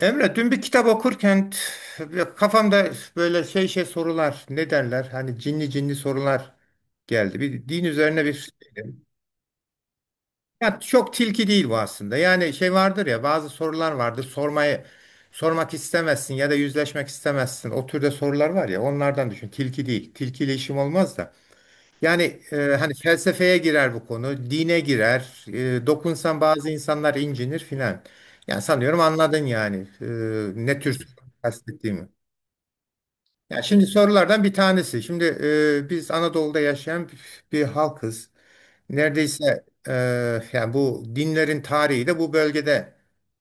Emre, dün bir kitap okurken kafamda böyle şey sorular, ne derler? Hani cinli cinli sorular geldi. Bir din üzerine bir ya çok tilki değil bu aslında. Yani şey vardır ya bazı sorular vardır. Sormak istemezsin ya da yüzleşmek istemezsin. O türde sorular var ya onlardan düşün. Tilki değil. Tilkiyle işim olmaz da. Yani hani felsefeye girer bu konu, dine girer. Dokunsan bazı insanlar incinir filan. Yani sanıyorum anladın yani ne tür kastettiğimi. Ya şimdi sorulardan bir tanesi. Şimdi biz Anadolu'da yaşayan bir halkız. Neredeyse yani bu dinlerin tarihi de bu bölgede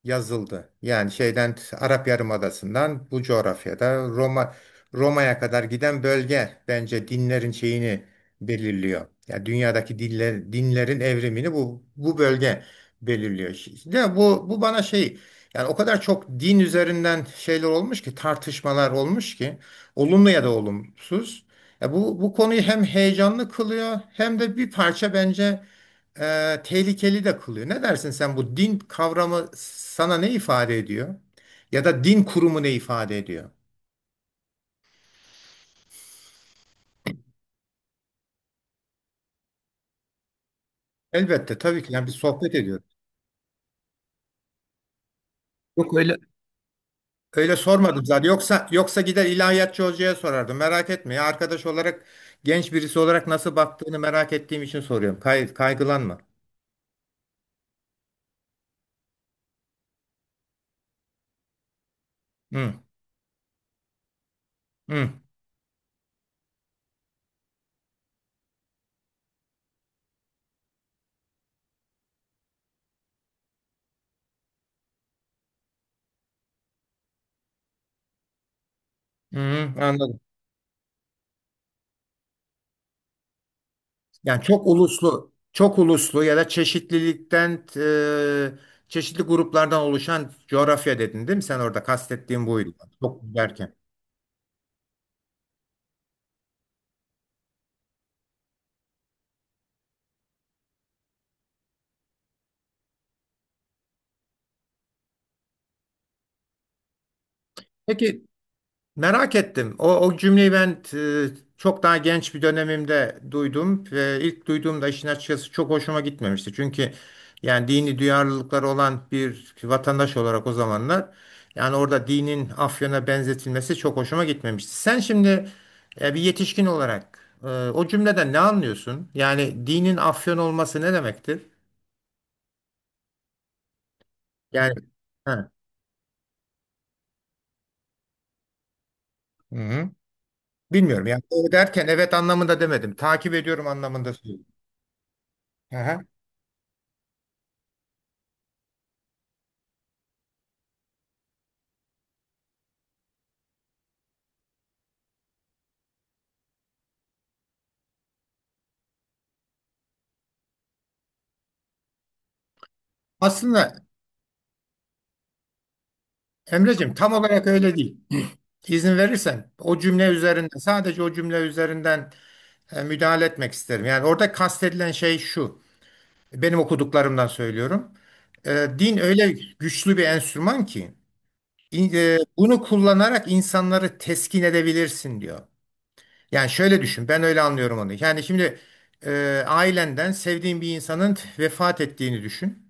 yazıldı. Yani şeyden Arap Yarımadası'ndan bu coğrafyada Roma'ya kadar giden bölge bence dinlerin şeyini belirliyor. Yani dünyadaki diller, dinlerin evrimini bu bölge belirliyor. De bu bana şey yani o kadar çok din üzerinden şeyler olmuş ki tartışmalar olmuş ki olumlu ya da olumsuz. Ya bu konuyu hem heyecanlı kılıyor hem de bir parça bence tehlikeli de kılıyor. Ne dersin sen bu din kavramı sana ne ifade ediyor? Ya da din kurumu ne ifade ediyor? Elbette tabii ki yani bir sohbet ediyoruz. Yok öyle. Öyle sormadım zaten. Yoksa gider ilahiyatçı hocaya sorardım. Merak etme ya arkadaş olarak genç birisi olarak nasıl baktığını merak ettiğim için soruyorum. Kaygılanma. Hı, hı, hı, hı, anladım. Yani çok uluslu ya da çeşitlilikten, çeşitli gruplardan oluşan coğrafya dedin değil mi? Sen orada kastettiğin buydu. Çok derken. Peki, merak ettim. O cümleyi ben çok daha genç bir dönemimde duydum ve ilk duyduğumda işin açıkçası çok hoşuma gitmemişti. Çünkü yani dini duyarlılıkları olan bir vatandaş olarak o zamanlar yani orada dinin Afyon'a benzetilmesi çok hoşuma gitmemişti. Sen şimdi bir yetişkin olarak o cümleden ne anlıyorsun? Yani dinin Afyon olması ne demektir? Yani ha, hı hı. Bilmiyorum yani o derken evet anlamında demedim. Takip ediyorum anlamında söylüyorum. Hı hı. Aslında Emreciğim tam olarak öyle değil. İzin verirsen o cümle üzerinden sadece o cümle üzerinden müdahale etmek isterim. Yani orada kastedilen şey şu. Benim okuduklarımdan söylüyorum. E, din öyle güçlü bir enstrüman ki bunu kullanarak insanları teskin edebilirsin diyor. Yani şöyle düşün ben öyle anlıyorum onu. Yani şimdi ailenden sevdiğin bir insanın vefat ettiğini düşün.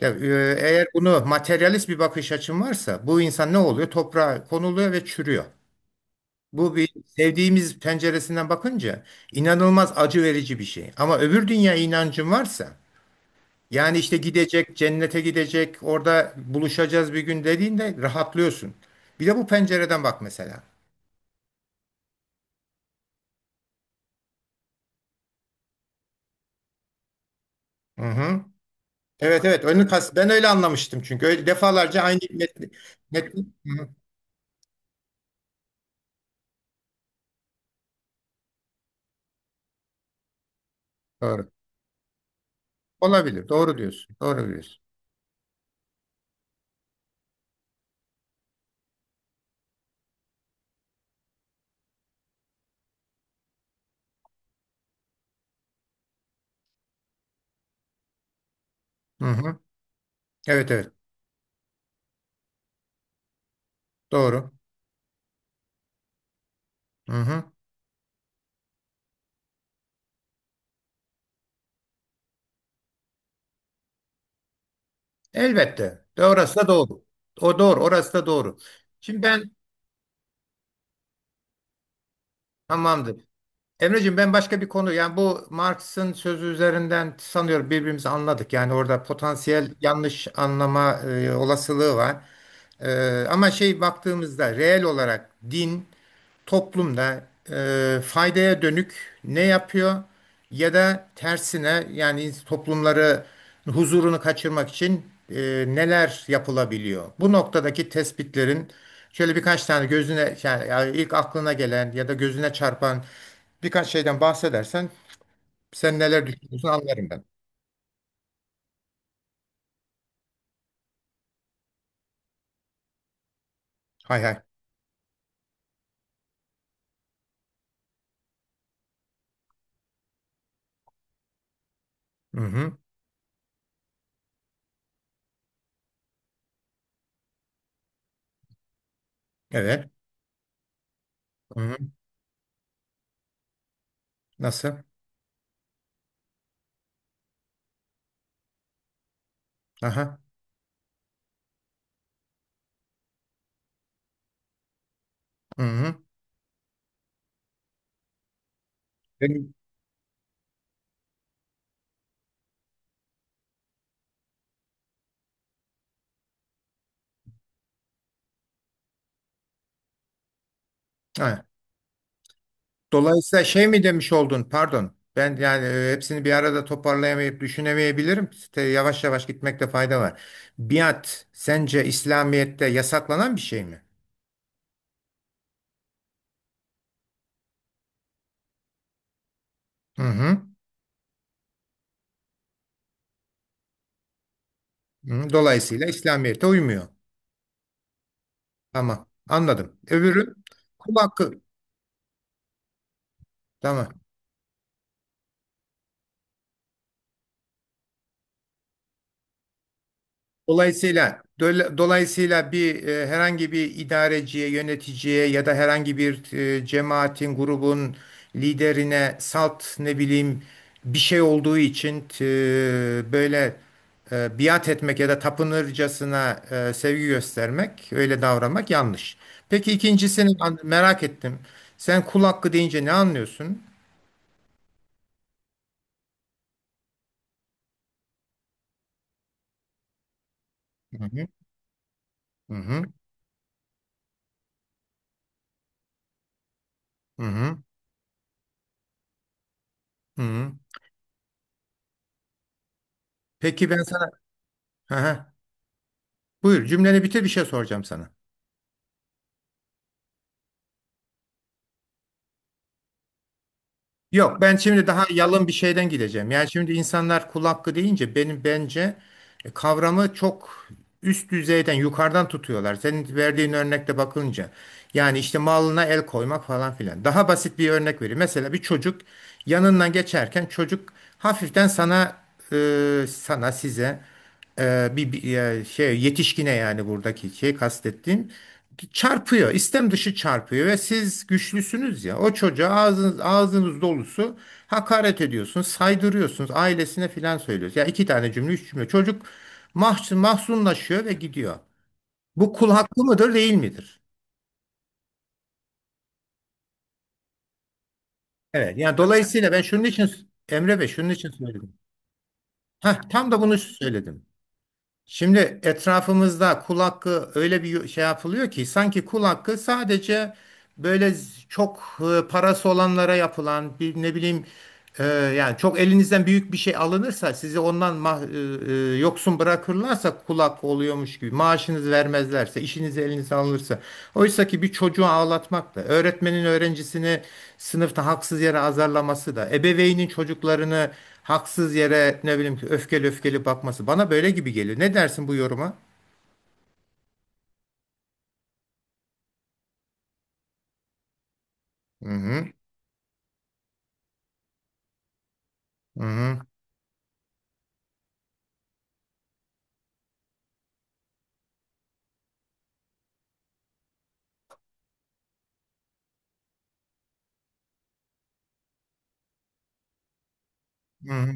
Ya, e, eğer bunu materyalist bir bakış açın varsa bu insan ne oluyor? Toprağa konuluyor ve çürüyor. Bu bir sevdiğimiz penceresinden bakınca inanılmaz acı verici bir şey. Ama öbür dünya inancın varsa yani işte gidecek, cennete gidecek, orada buluşacağız bir gün dediğinde rahatlıyorsun. Bir de bu pencereden bak mesela. Hı hı. Evet onu kas ben öyle anlamıştım çünkü öyle defalarca aynı metni. Hı hı. Doğru. Olabilir. Doğru diyorsun. Doğru diyorsun. Hı hı. Evet evet. Doğru. Hı hı. Elbette. De orası da doğru. O doğru. Orası da doğru. Şimdi ben tamamdır. Emreciğim ben başka bir konu yani bu Marx'ın sözü üzerinden sanıyorum birbirimizi anladık. Yani orada potansiyel yanlış anlama olasılığı var. E, ama şey baktığımızda reel olarak din toplumda faydaya dönük ne yapıyor ya da tersine yani toplumları huzurunu kaçırmak için neler yapılabiliyor? Bu noktadaki tespitlerin şöyle birkaç tane gözüne yani ilk aklına gelen ya da gözüne çarpan birkaç şeyden bahsedersen sen neler düşünüyorsun anlarım ben. Hay hay. Hı hı. Evet. Hı hı. Nasıl? Aha. Hı hı. Benim. Dolayısıyla şey mi demiş oldun? Pardon. Ben yani hepsini bir arada toparlayamayıp düşünemeyebilirim. İşte yavaş yavaş gitmekte fayda var. Biat sence İslamiyet'te yasaklanan bir şey mi? Hı hı. Hı. Dolayısıyla İslamiyet'e uymuyor. Tamam. Anladım. Öbürü kul hakkı. Tamam. Dolayısıyla bir herhangi bir idareciye, yöneticiye ya da herhangi bir cemaatin, grubun liderine salt ne bileyim bir şey olduğu için böyle biat etmek ya da tapınırcasına sevgi göstermek, öyle davranmak yanlış. Peki ikincisini merak ettim. Sen kul hakkı deyince ne anlıyorsun? Hı hı. Hı hı. Hı hı. Hı hı. Peki ben sana hı hı. Buyur cümleni bitir bir şey soracağım sana. Yok ben şimdi daha yalın bir şeyden gideceğim. Yani şimdi insanlar kul hakkı deyince benim bence kavramı çok üst düzeyden yukarıdan tutuyorlar. Senin verdiğin örnekte bakınca. Yani işte malına el koymak falan filan. Daha basit bir örnek vereyim. Mesela bir çocuk yanından geçerken çocuk hafiften sana size şey yetişkine yani buradaki şey kastettiğim çarpıyor. İstem dışı çarpıyor ve siz güçlüsünüz ya. O çocuğa ağzınız dolusu hakaret ediyorsunuz, saydırıyorsunuz, ailesine filan söylüyorsunuz. Ya iki tane cümle, üç cümle. Çocuk mahzunlaşıyor ve gidiyor. Bu kul hakkı mıdır, değil midir? Evet. Yani dolayısıyla ben şunun için Emre Bey şunun için söyledim. Heh, tam da bunu söyledim. Şimdi etrafımızda kul hakkı öyle bir şey yapılıyor ki sanki kul hakkı sadece böyle çok parası olanlara yapılan bir ne bileyim yani çok elinizden büyük bir şey alınırsa sizi ondan yoksun bırakırlarsa kulak oluyormuş gibi maaşınız vermezlerse işiniz elinizden alınırsa oysa ki bir çocuğu ağlatmak da öğretmenin öğrencisini sınıfta haksız yere azarlaması da ebeveynin çocuklarını haksız yere ne bileyim ki öfkeli öfkeli bakması bana böyle gibi geliyor. Ne dersin bu yoruma? Hı hı, hı hı, hı hı.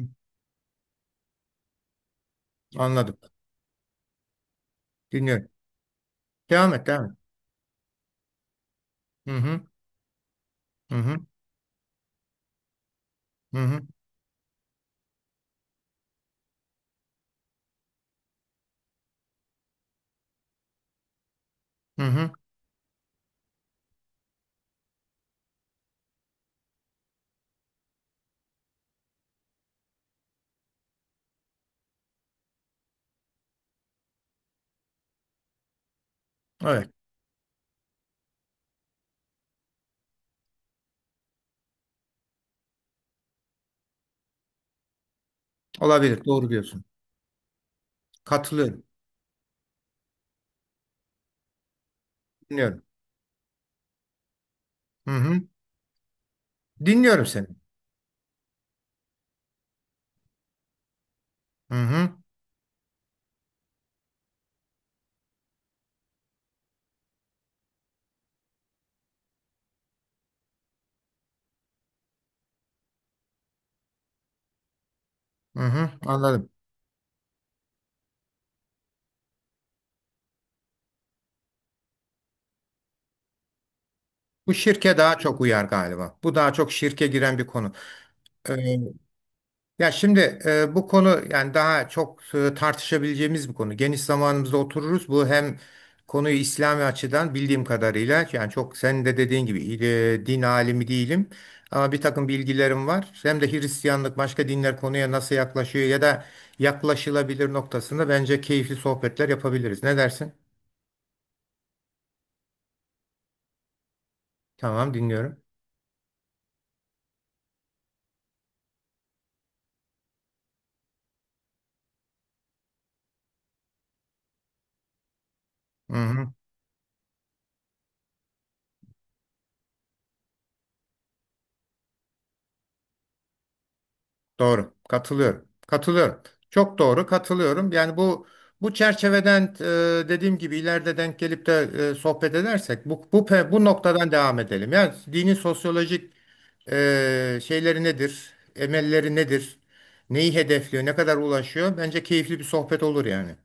Anladım. Dinliyorum. Devam et, devam et. Hı hı, hı hı, hı hı, hı hı. Evet, olabilir. Doğru diyorsun. Katılıyorum. Dinliyorum. Hı hı. Dinliyorum seni. Hı hı. Hı hı. Anladım. Bu şirke daha çok uyar galiba. Bu daha çok şirke giren bir konu. Ee, ya şimdi bu konu yani daha çok tartışabileceğimiz bir konu. Geniş zamanımızda otururuz. Bu hem konuyu İslami açıdan bildiğim kadarıyla yani çok senin de dediğin gibi din alimi değilim. Ama bir takım bilgilerim var. Hem de Hristiyanlık başka dinler konuya nasıl yaklaşıyor ya da yaklaşılabilir noktasında bence keyifli sohbetler yapabiliriz. Ne dersin? Tamam dinliyorum. Hı-hı. Doğru. Katılıyorum. Katılıyorum. Çok doğru katılıyorum. Yani bu çerçeveden dediğim gibi ileride denk gelip de sohbet edersek bu noktadan devam edelim. Yani dinin sosyolojik şeyleri nedir? Emelleri nedir? Neyi hedefliyor? Ne kadar ulaşıyor? Bence keyifli bir sohbet olur yani.